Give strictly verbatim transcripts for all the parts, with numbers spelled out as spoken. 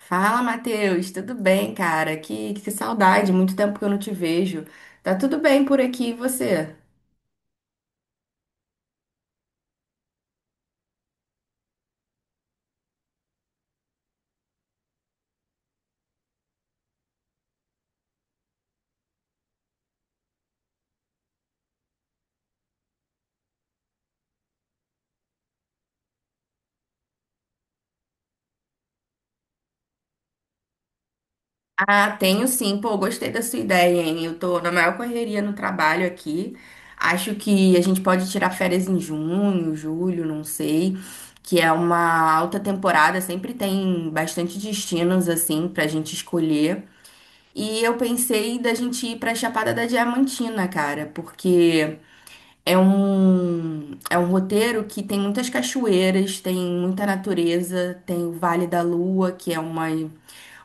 Fala, Matheus, tudo bem, cara? Que, que saudade, muito tempo que eu não te vejo. Tá tudo bem por aqui, e você? Ah, tenho sim, pô, gostei da sua ideia, hein? Eu tô na maior correria no trabalho aqui. Acho que a gente pode tirar férias em junho, julho, não sei, que é uma alta temporada, sempre tem bastante destinos assim pra gente escolher. E eu pensei da gente ir pra Chapada da Diamantina, cara, porque É um, é um roteiro que tem muitas cachoeiras, tem muita natureza, tem o Vale da Lua, que é uma,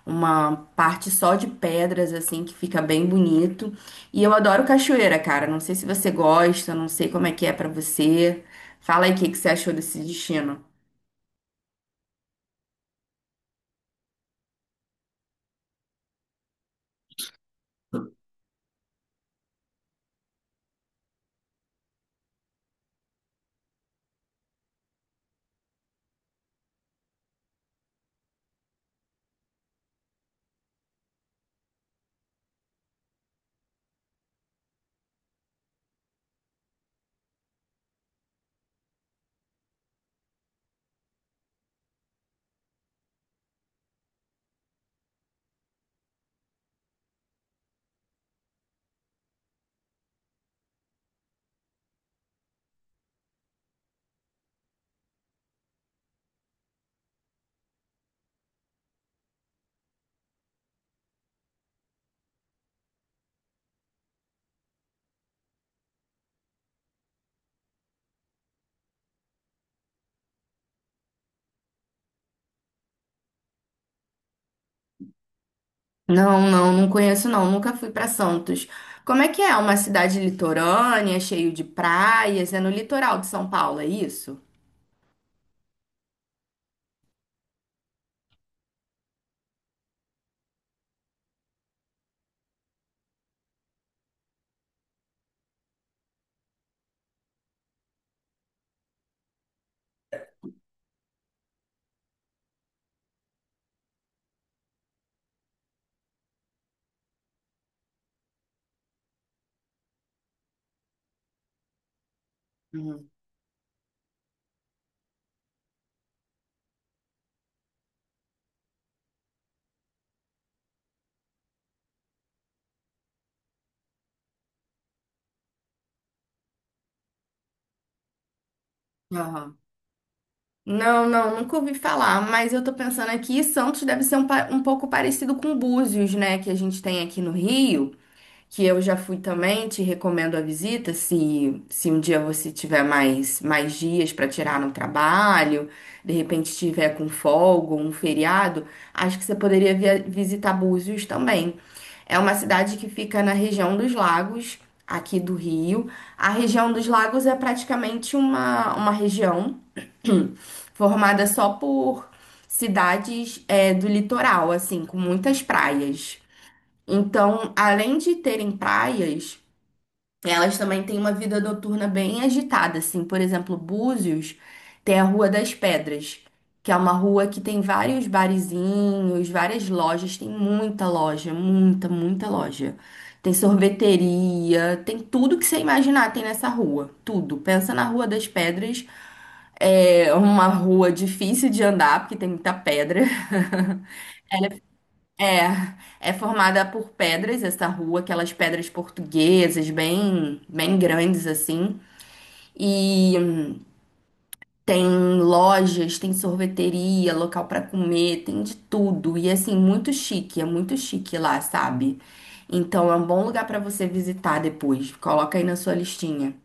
uma parte só de pedras, assim, que fica bem bonito. E eu adoro cachoeira, cara. Não sei se você gosta, não sei como é que é pra você. Fala aí o que que você achou desse destino. Não, não, não conheço não, nunca fui pra Santos. Como é que é? Uma cidade litorânea, cheio de praias, é no litoral de São Paulo, é isso? Uhum. Aham. Não, não, nunca ouvi falar, mas eu tô pensando aqui, Santos deve ser um, pa- um pouco parecido com Búzios, né, que a gente tem aqui no Rio, que eu já fui também, te recomendo a visita, se, se um dia você tiver mais, mais dias para tirar no trabalho, de repente tiver com folga, um feriado, acho que você poderia via- visitar Búzios também. É uma cidade que fica na região dos lagos, aqui do Rio. A região dos lagos é praticamente uma, uma região formada só por cidades é, do litoral, assim, com muitas praias. Então, além de terem praias, elas também têm uma vida noturna bem agitada, assim. Por exemplo, Búzios tem a Rua das Pedras, que é uma rua que tem vários barizinhos, várias lojas, tem muita loja, muita, muita loja. Tem sorveteria, tem tudo que você imaginar tem nessa rua, tudo. Pensa na Rua das Pedras, é uma rua difícil de andar, porque tem muita pedra. É, é formada por pedras essa rua, aquelas pedras portuguesas, bem, bem grandes assim. E tem lojas, tem sorveteria, local pra comer, tem de tudo. E assim, muito chique, é muito chique lá, sabe? Então é um bom lugar pra você visitar depois. Coloca aí na sua listinha.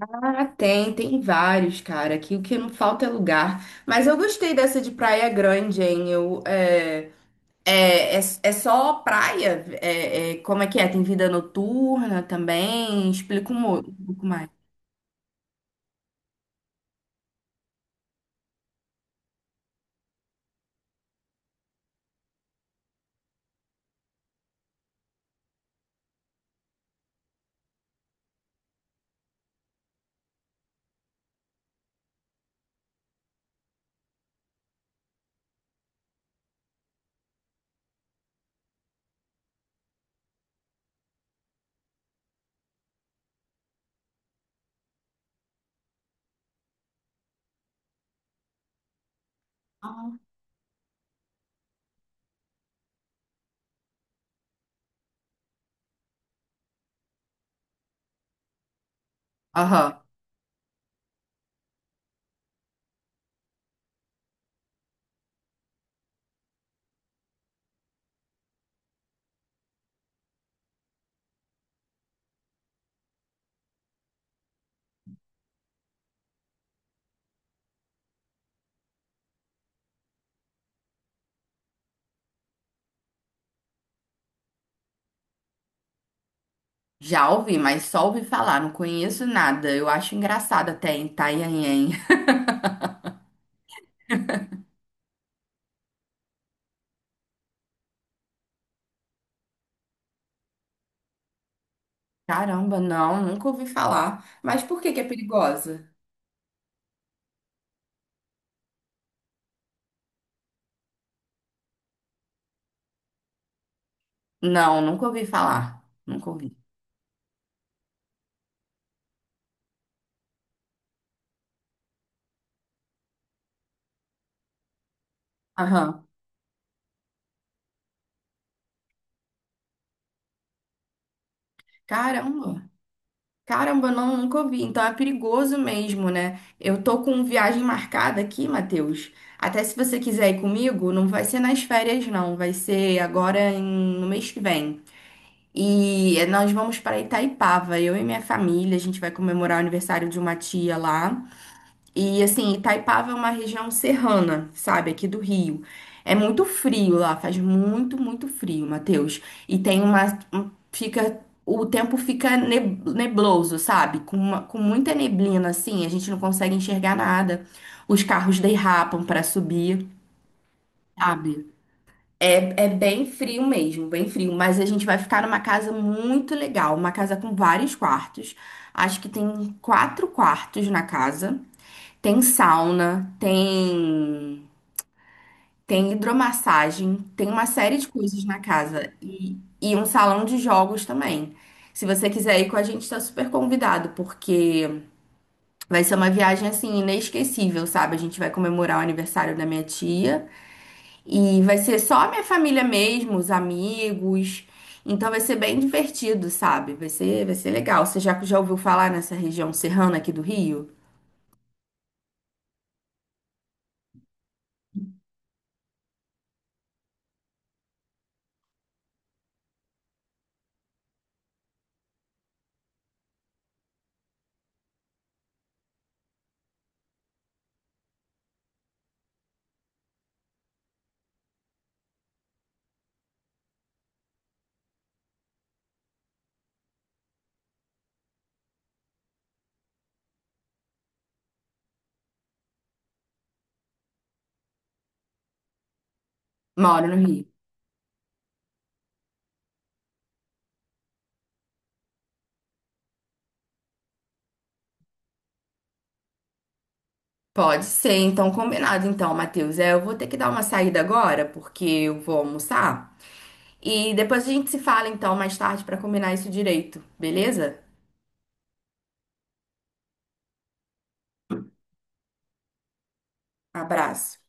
Ah, tem, tem vários, cara. Aqui o que não falta é lugar. Mas eu gostei dessa de Praia Grande, hein? Eu, é, é, é, é só praia? É, é, como é que é? Tem vida noturna também? Explica um, mo- um pouco mais. Ah. Aham. Já ouvi, mas só ouvi falar, não conheço nada. Eu acho engraçado até em Itanhaém. Caramba, não, nunca ouvi falar. Mas por que que é perigosa? Não, nunca ouvi falar. Nunca ouvi. Aham. Caramba. Caramba, não, nunca ouvi. Então é perigoso mesmo, né? Eu tô com viagem marcada aqui, Matheus. Até se você quiser ir comigo, não vai ser nas férias, não. Vai ser agora em- no mês que vem. E nós vamos para Itaipava, eu e minha família. A gente vai comemorar o aniversário de uma tia lá. E assim, Itaipava é uma região serrana, sabe, aqui do Rio. É muito frio lá, faz muito, muito frio, Matheus. E tem uma, um- fica, o tempo fica neb- nebloso, sabe? Com uma- com muita neblina assim, a gente não consegue enxergar nada. Os carros derrapam para subir, sabe? É, é bem frio mesmo, bem frio, mas a gente vai ficar numa casa muito legal, uma casa com vários quartos. Acho que tem quatro quartos na casa. Tem sauna, tem tem hidromassagem, tem uma série de coisas na casa e, e um salão de jogos também. Se você quiser ir com a gente, está super convidado, porque vai ser uma viagem assim inesquecível, sabe? A gente vai comemorar o aniversário da minha tia e vai ser só a minha família mesmo, os amigos. Então vai ser bem divertido, sabe? Vai ser, vai ser legal. Você já, já ouviu falar nessa região serrana aqui do Rio? Moro no Rio. Pode ser, então combinado. Então, Matheus, é, eu vou ter que dar uma saída agora, porque eu vou almoçar. E depois a gente se fala, então, mais tarde, para combinar isso direito, beleza? Abraço.